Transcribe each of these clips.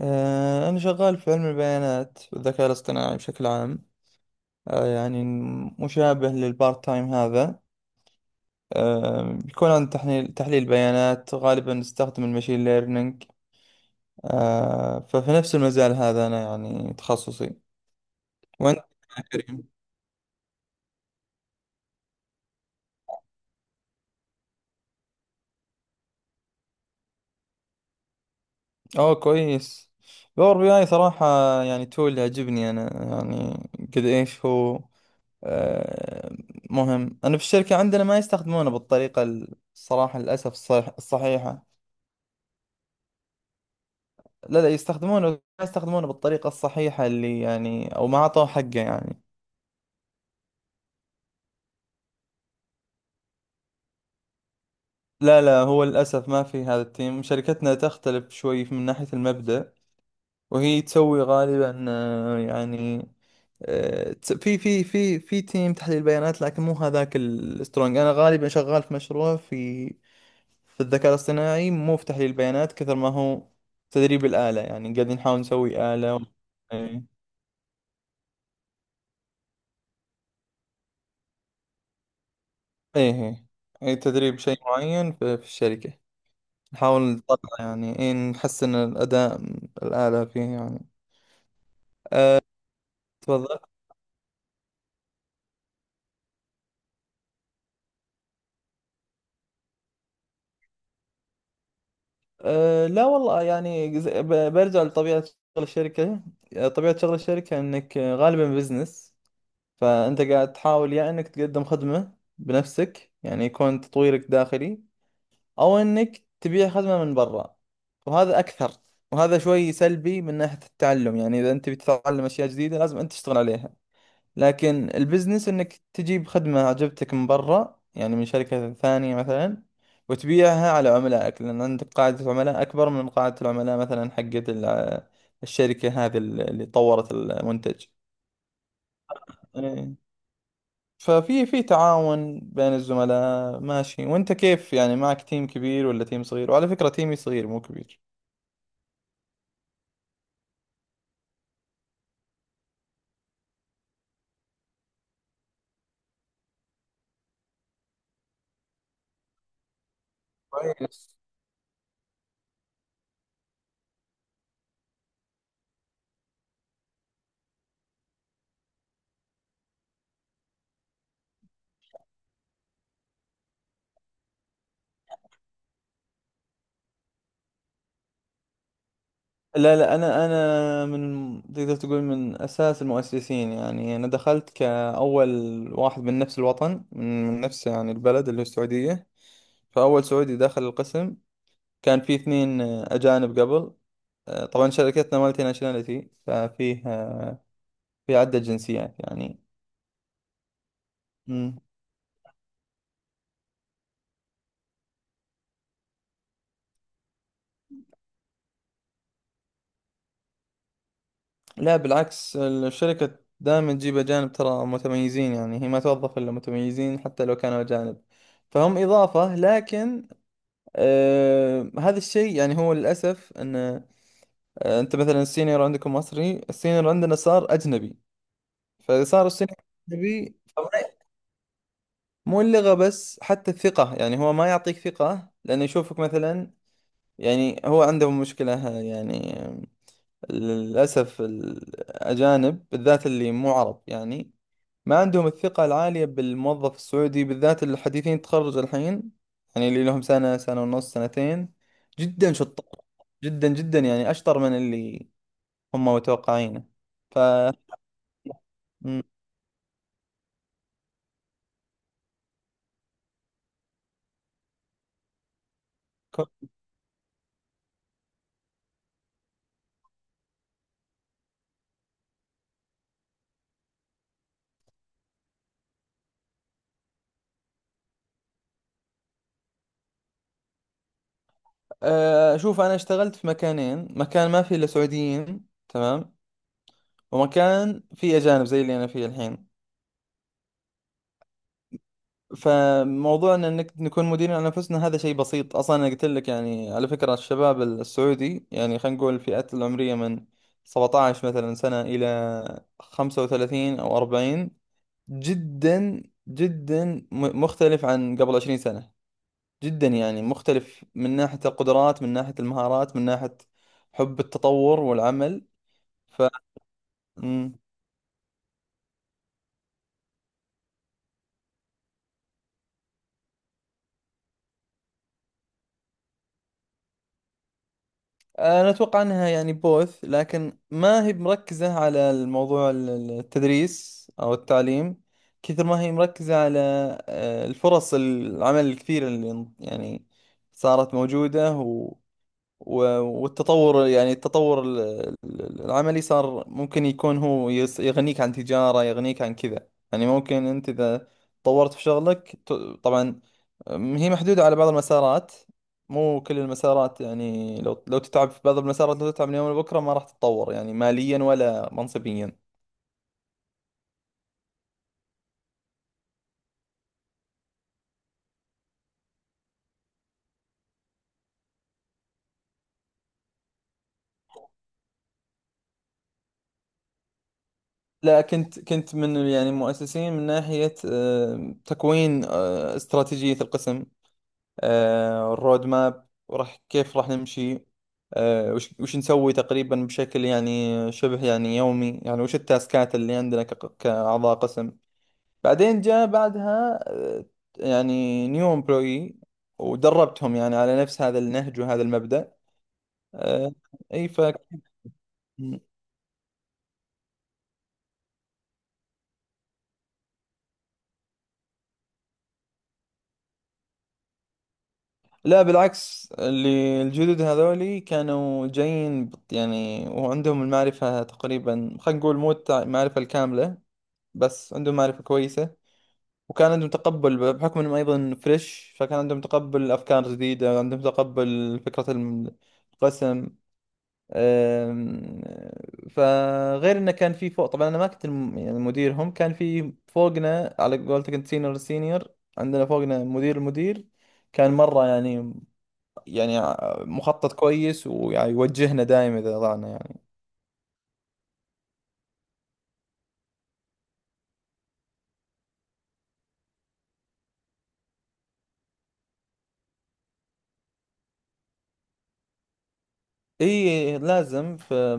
أنا شغال في علم البيانات والذكاء الاصطناعي بشكل عام. يعني مشابه للبارت تايم هذا. بيكون عن تحليل بيانات، غالبا نستخدم المشين ليرنينج. ففي نفس المجال هذا أنا يعني تخصصي. وأنت؟ أوه، كويس. باور بي اي صراحة، يعني تول يعجبني أنا، يعني قد إيش هو. آه، مهم، أنا في الشركة عندنا ما يستخدمونه بالطريقة، الصراحة للأسف، الصحيحة. لا لا، يستخدمونه، ما يستخدمونه بالطريقة الصحيحة اللي يعني، أو ما أعطوه حقه يعني. لا لا، هو للأسف ما في هذا التيم. شركتنا تختلف شوي من ناحية المبدأ، وهي تسوي غالبا، يعني في تيم تحليل بيانات، لكن مو هذاك السترونج. أنا غالبا شغال في مشروع في الذكاء الاصطناعي، مو في تحليل بيانات كثر ما هو تدريب الآلة، يعني قاعدين نحاول نسوي آلة و... إيه، إيه، إيه، تدريب شيء معين في الشركة. نحاول نطلع يعني، إيه، نحسن الأداء الآلة فيه يعني. تفضل. لا والله، يعني برجع لطبيعة شغل الشركة. طبيعة شغل الشركة إنك غالبا بزنس. فأنت قاعد تحاول يا إنك تقدم خدمة بنفسك يعني يكون تطويرك داخلي، أو إنك تبيع خدمة من برا، وهذا أكثر. وهذا شوي سلبي من ناحية التعلم، يعني إذا أنت بتتعلم أشياء جديدة لازم أنت تشتغل عليها. لكن البزنس انك تجيب خدمة عجبتك من برا، يعني من شركة ثانية مثلا، وتبيعها على عملائك، لان عندك قاعدة عملاء اكبر من قاعدة العملاء مثلا حقت الشركة هذه اللي طورت المنتج. إيه. ففي تعاون بين الزملاء، ماشي. وانت كيف يعني؟ معك تيم كبير ولا تيم صغير؟ وعلى فكرة تيمي صغير مو كبير. كويس. لا لا، انا من تقدر تقول من اساس المؤسسين، يعني انا دخلت كاول واحد من نفس الوطن، من نفس يعني البلد اللي هو السعوديه. فاول سعودي دخل القسم، كان في اثنين اجانب قبل. طبعا شركتنا مالتي ناشوناليتي، ففيه في عده جنسيات يعني. مم. لا، بالعكس الشركه دائما تجيب اجانب، ترى متميزين، يعني هي ما توظف الا متميزين حتى لو كانوا اجانب. فهم اضافه. لكن هذا الشيء يعني، هو للأسف أن أنت مثلا السينيور عندكم مصري، السينيور عندنا صار أجنبي. فصار السينيور أجنبي. مو اللغة بس، حتى الثقة. يعني هو ما يعطيك ثقة، لأنه يشوفك مثلا يعني هو عنده مشكلة يعني. للأسف الأجانب بالذات اللي مو عرب يعني، ما عندهم الثقة العالية بالموظف السعودي، بالذات الحديثين تخرج الحين، يعني اللي لهم سنة، سنة ونص، سنتين. جدا شطار، جدا جدا، يعني أشطر من اللي هم متوقعينه. ف مم. كو- أشوف. أنا اشتغلت في مكانين: مكان ما فيه إلا سعوديين، تمام، ومكان فيه أجانب زي اللي أنا فيه الحين. فموضوعنا انك نكون مديرين على انفسنا، هذا شيء بسيط اصلا. انا قلت لك يعني، على فكره الشباب السعودي، يعني خلينا نقول الفئات العمريه من 17 مثلا سنه الى 35 او 40، جدا جدا مختلف عن قبل 20 سنه. جدا يعني مختلف من ناحيه القدرات، من ناحيه المهارات، من ناحيه حب التطور والعمل. ف انا اتوقع انها يعني بوث، لكن ما هي مركزة على الموضوع التدريس او التعليم كثر ما هي مركزة على الفرص العمل الكثيرة اللي يعني صارت موجودة. و- والتطور، يعني التطور العملي، صار ممكن يكون هو يغنيك عن تجارة، يغنيك عن كذا. يعني ممكن أنت إذا طورت في شغلك طبعا هي محدودة على بعض المسارات، مو كل المسارات. يعني لو تتعب في بعض المسارات، لو تتعب من يوم لبكرة ما راح تتطور يعني ماليا ولا منصبيا. لا، كنت من يعني مؤسسين من ناحية تكوين استراتيجية القسم، الرود ماب، وراح كيف راح نمشي، وش نسوي تقريبا بشكل يعني شبه يعني يومي، يعني وش التاسكات اللي عندنا كأعضاء قسم. بعدين جاء بعدها يعني نيو امبلوي، ودربتهم يعني على نفس هذا النهج وهذا المبدأ. آه، اي. لا، بالعكس اللي الجدد هذولي كانوا جايين يعني، وعندهم المعرفة تقريبا، خلينا نقول مو المعرفة الكاملة، بس عندهم معرفة كويسة. وكان عندهم تقبل بحكم انهم ايضا فريش، فكان عندهم تقبل افكار جديده، عندهم تقبل فكره القسم. أم، فغير انه كان في فوق، طبعا انا ما كنت يعني مديرهم، كان في فوقنا، على قولتك انت سينيور سينيور. عندنا فوقنا مدير المدير، كان مره يعني، يعني مخطط كويس ويوجهنا دائما اذا ضعنا يعني. اي لازم، في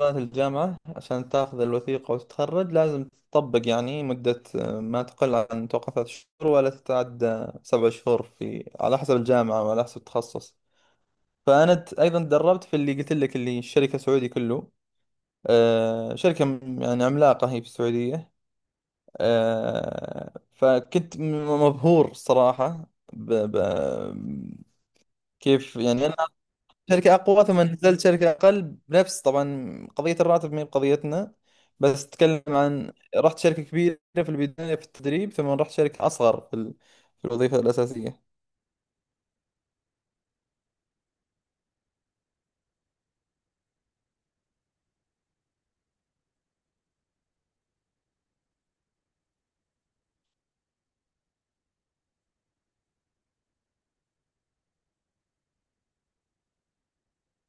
مدرسة الجامعة عشان تاخذ الوثيقة وتتخرج لازم تطبق يعني مدة، ما تقل عن توقع ثلاث شهور ولا تتعدى سبع شهور، في على حسب الجامعة وعلى حسب التخصص. فأنا أيضا تدربت في اللي قلت لك، اللي الشركة سعودي كله. شركة يعني عملاقة هي في السعودية. فكنت مبهور صراحة ب... ب... كيف يعني؟ شركة أقوى، ثم نزلت شركة أقل، بنفس، طبعا قضية الراتب ما هي بقضيتنا، بس أتكلم عن رحت شركة كبيرة في البداية في التدريب، ثم رحت شركة أصغر في في الوظيفة الأساسية.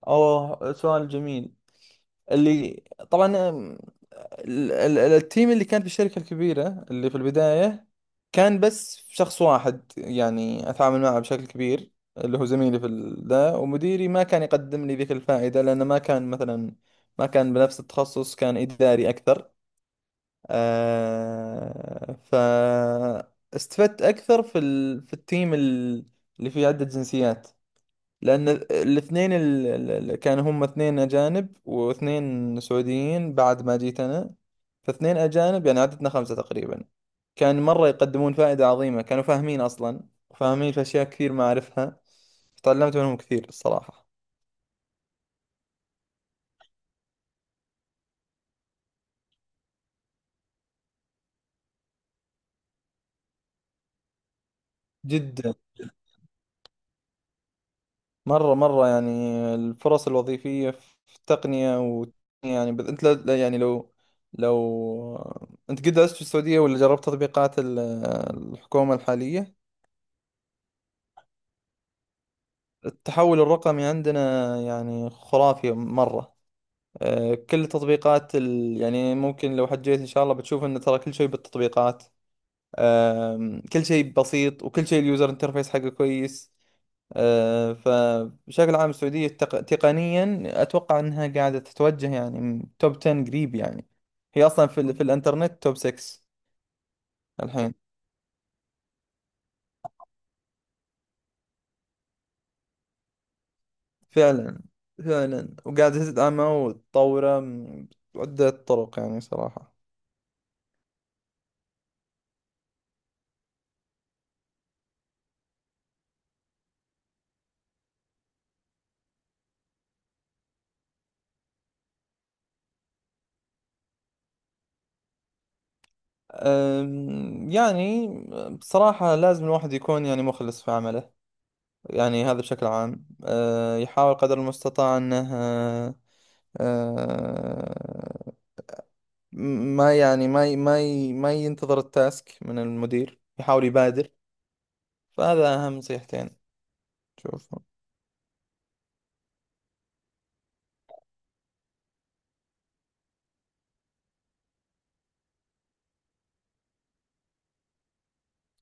أوه، سؤال جميل. اللي، طبعا التيم اللي كان في الشركة الكبيرة اللي في البداية، كان بس شخص واحد يعني أتعامل معه بشكل كبير، اللي هو زميلي في ذا، ومديري ما كان يقدم لي ذيك الفائدة لأنه ما كان مثلا، ما كان بنفس التخصص، كان إداري أكثر. فاستفدت أكثر في في التيم اللي فيه عدة جنسيات، لأن الاثنين اللي كانوا، هم اثنين أجانب واثنين سعوديين بعد ما جيت أنا، فاثنين أجانب، يعني عددنا خمسة تقريبا. كان مرة يقدمون فائدة عظيمة، كانوا فاهمين أصلا، وفاهمين في أشياء كثير ما أعرفها. تعلمت منهم كثير الصراحة، جدا، مرة مرة يعني. الفرص الوظيفية في التقنية و... يعني أنت يعني لو، لو أنت قد درست في السعودية ولا جربت تطبيقات الحكومة الحالية، التحول الرقمي عندنا يعني خرافي مرة. كل تطبيقات يعني ممكن لو حجيت إن شاء الله بتشوف، إن ترى كل شيء بالتطبيقات. كل شيء بسيط، وكل شيء اليوزر انترفيس حقه كويس. فبشكل عام السعودية تقنيا أتوقع إنها قاعدة تتوجه يعني توب 10 قريب، يعني هي أصلا في, في الإنترنت توب 6 الحين. فعلا، فعلا وقاعدة تدعمه وتطوره من عدة طرق يعني صراحة. يعني بصراحة لازم الواحد يكون يعني مخلص في عمله، يعني هذا بشكل عام. يحاول قدر المستطاع أنه أه، أه، ما يعني ما ينتظر التاسك من المدير، يحاول يبادر. فهذا أهم نصيحتين شوفهم.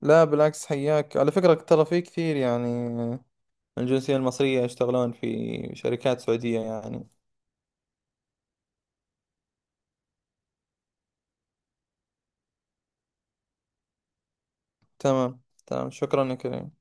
لا بالعكس، حياك. على فكرة ترى في كثير يعني من الجنسية المصرية يشتغلون في شركات سعودية يعني. تمام. تمام، شكرا يا كريم.